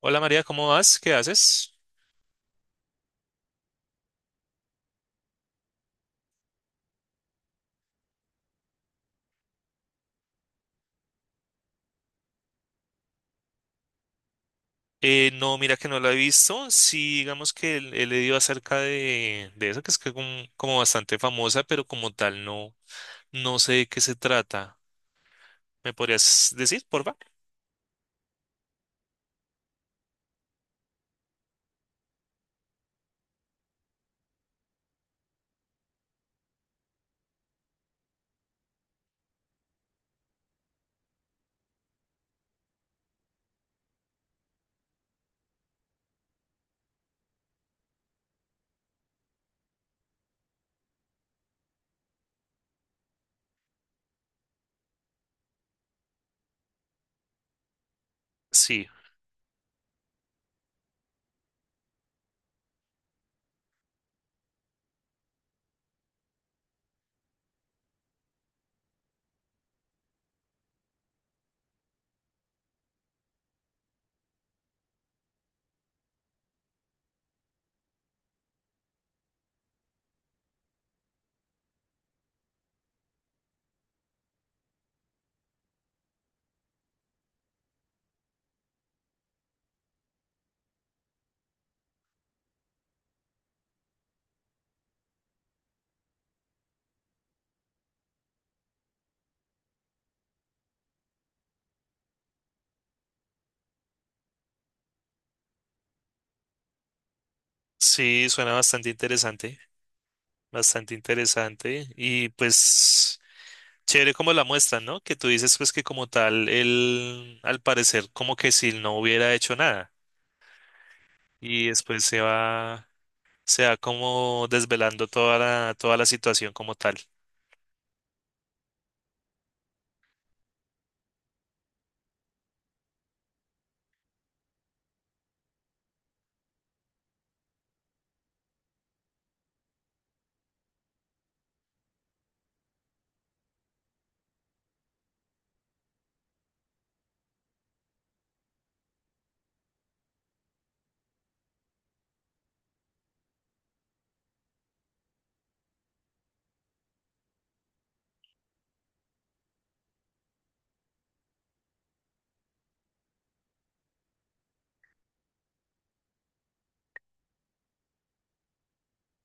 Hola María, ¿cómo vas? ¿Qué haces? No, mira que no la he visto. Sí, digamos que he leído acerca de eso, que es que como, como bastante famosa, pero como tal no, no sé de qué se trata. ¿Me podrías decir, porfa? Sí, sí, suena bastante interesante, bastante interesante. Y pues, chévere como la muestran, ¿no? Que tú dices pues que como tal, él, al parecer, como que si no hubiera hecho nada. Y después se va, se sea como desvelando toda la situación como tal.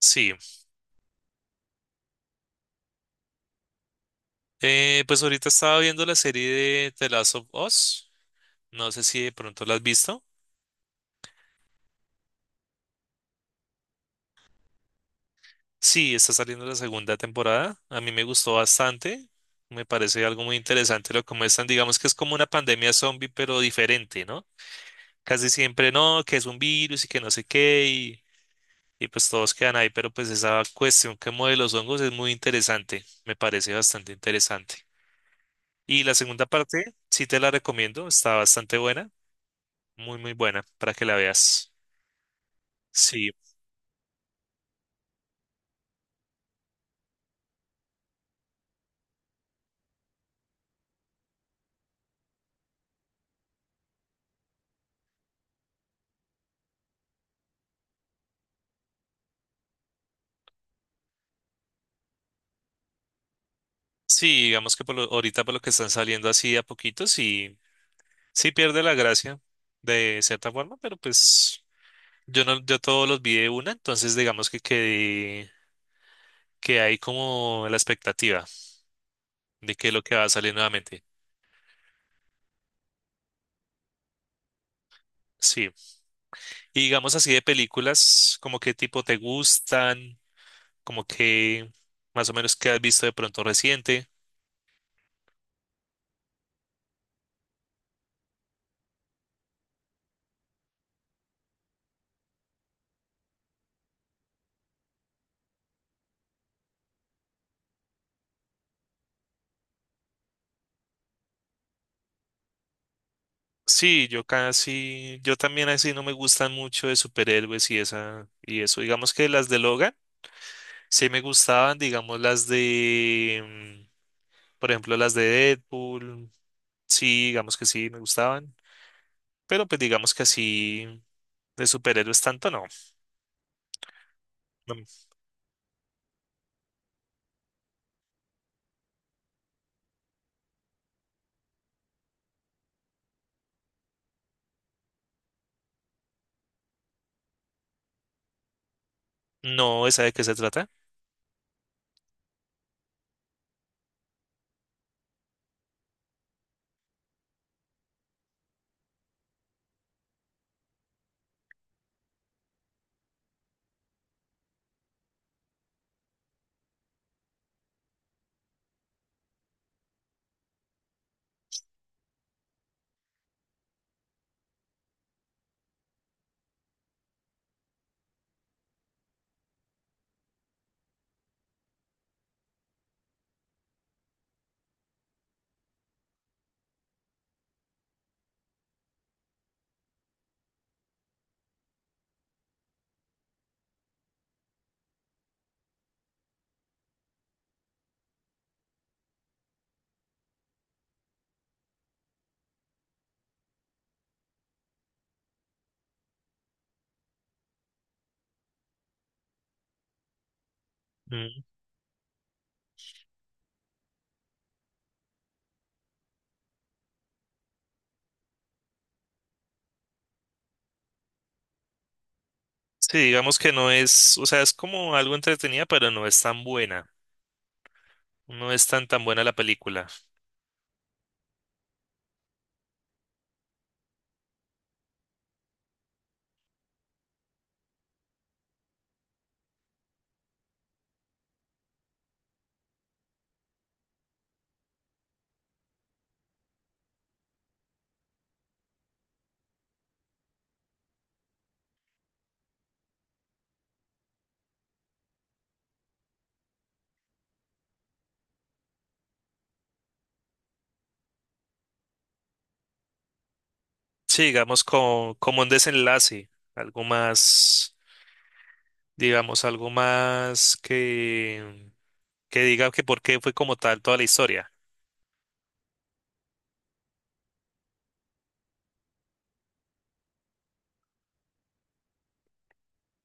Sí. Pues ahorita estaba viendo la serie de The Last of Us, no sé si de pronto la has visto. Sí, está saliendo la segunda temporada, a mí me gustó bastante, me parece algo muy interesante lo como muestran, digamos que es como una pandemia zombie pero diferente, ¿no? Casi siempre no, que es un virus y que no sé qué y pues todos quedan ahí, pero pues esa cuestión que de los hongos es muy interesante, me parece bastante interesante. Y la segunda parte, sí te la recomiendo, está bastante buena, muy muy buena para que la veas. Sí, sí, digamos que ahorita por lo que están saliendo así a poquitos y sí pierde la gracia de cierta forma, pero pues yo no, yo todos los vi de una, entonces digamos que que hay como la expectativa de qué es lo que va a salir nuevamente. Sí, y digamos así de películas, como qué tipo te gustan, como que más o menos qué has visto de pronto reciente. Sí, yo casi, yo también así no me gustan mucho de superhéroes y esa, y eso. Digamos que las de Logan sí me gustaban, digamos las de, mm, por ejemplo, las de Deadpool, sí, digamos que sí me gustaban, pero pues digamos que así de superhéroes tanto no. No, no, ¿esa de qué se trata? Mm. Sí, digamos que no es, o sea, es como algo entretenida, pero no es tan buena. No es tan tan buena la película. Sí, digamos como, como un desenlace, algo más. Digamos, algo más que diga que por qué fue como tal toda la historia.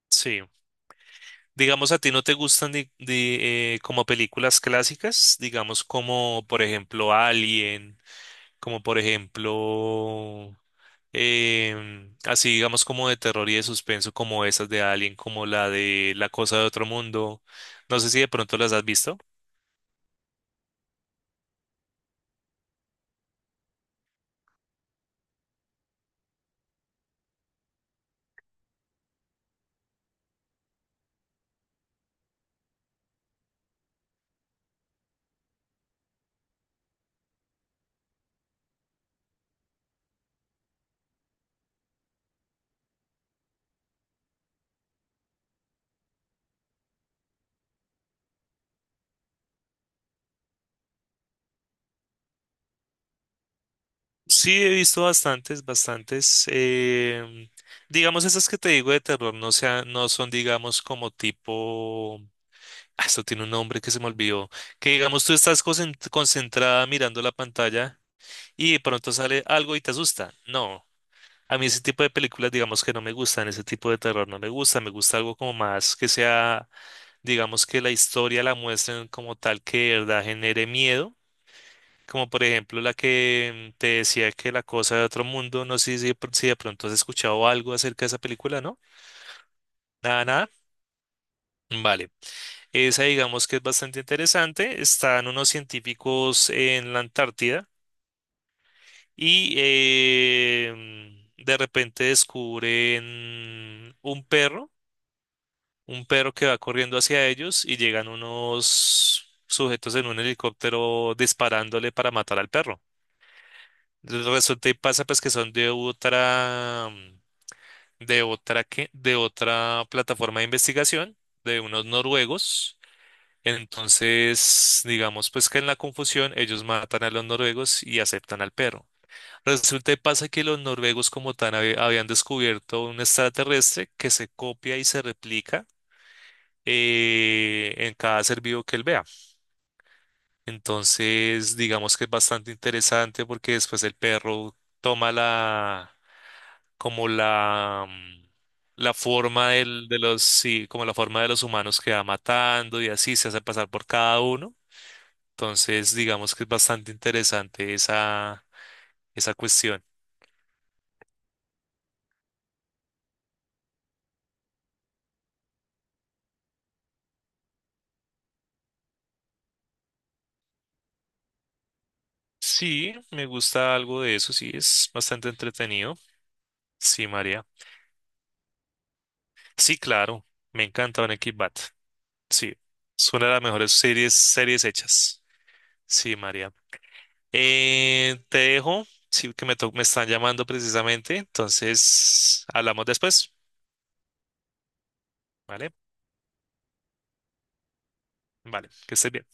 Sí. Digamos, a ti no te gustan como películas clásicas, digamos, como por ejemplo Alien, como por ejemplo, así digamos como de terror y de suspenso, como esas de Alien, como la de La Cosa de Otro Mundo. No sé si de pronto las has visto. Sí, he visto bastantes, bastantes. Digamos, esas que te digo de terror no sea, no son, digamos, como tipo. Ah, esto tiene un nombre que se me olvidó. Que digamos, tú estás concentrada mirando la pantalla y de pronto sale algo y te asusta. No. A mí ese tipo de películas, digamos que no me gustan, ese tipo de terror no me gusta, me gusta algo como más que sea, digamos que la historia la muestren como tal que de verdad genere miedo, como por ejemplo la que te decía, que La Cosa de Otro Mundo, no sé si, si de pronto has escuchado algo acerca de esa película, ¿no? Nada, nada. Mm, vale. Esa digamos que es bastante interesante. Están unos científicos en la Antártida y de repente descubren un perro que va corriendo hacia ellos, y llegan unos sujetos en un helicóptero disparándole para matar al perro. Resulta y pasa pues que son de otra de otra plataforma de investigación de unos noruegos. Entonces, digamos pues que en la confusión ellos matan a los noruegos y aceptan al perro. Resulta y pasa que los noruegos como tal habían descubierto un extraterrestre que se copia y se replica en cada ser vivo que él vea. Entonces, digamos que es bastante interesante porque después el perro toma la, como la, la forma del, de los, sí, como la forma de los humanos que va matando, y así se hace pasar por cada uno. Entonces, digamos que es bastante interesante esa, esa cuestión. Sí, me gusta algo de eso, sí, es bastante entretenido. Sí, María. Sí, claro, me encanta Breaking Bad. Sí, es una de las mejores series, series hechas. Sí, María. Te dejo, sí, que me, me están llamando precisamente, entonces hablamos después, ¿vale? Vale, que estés bien.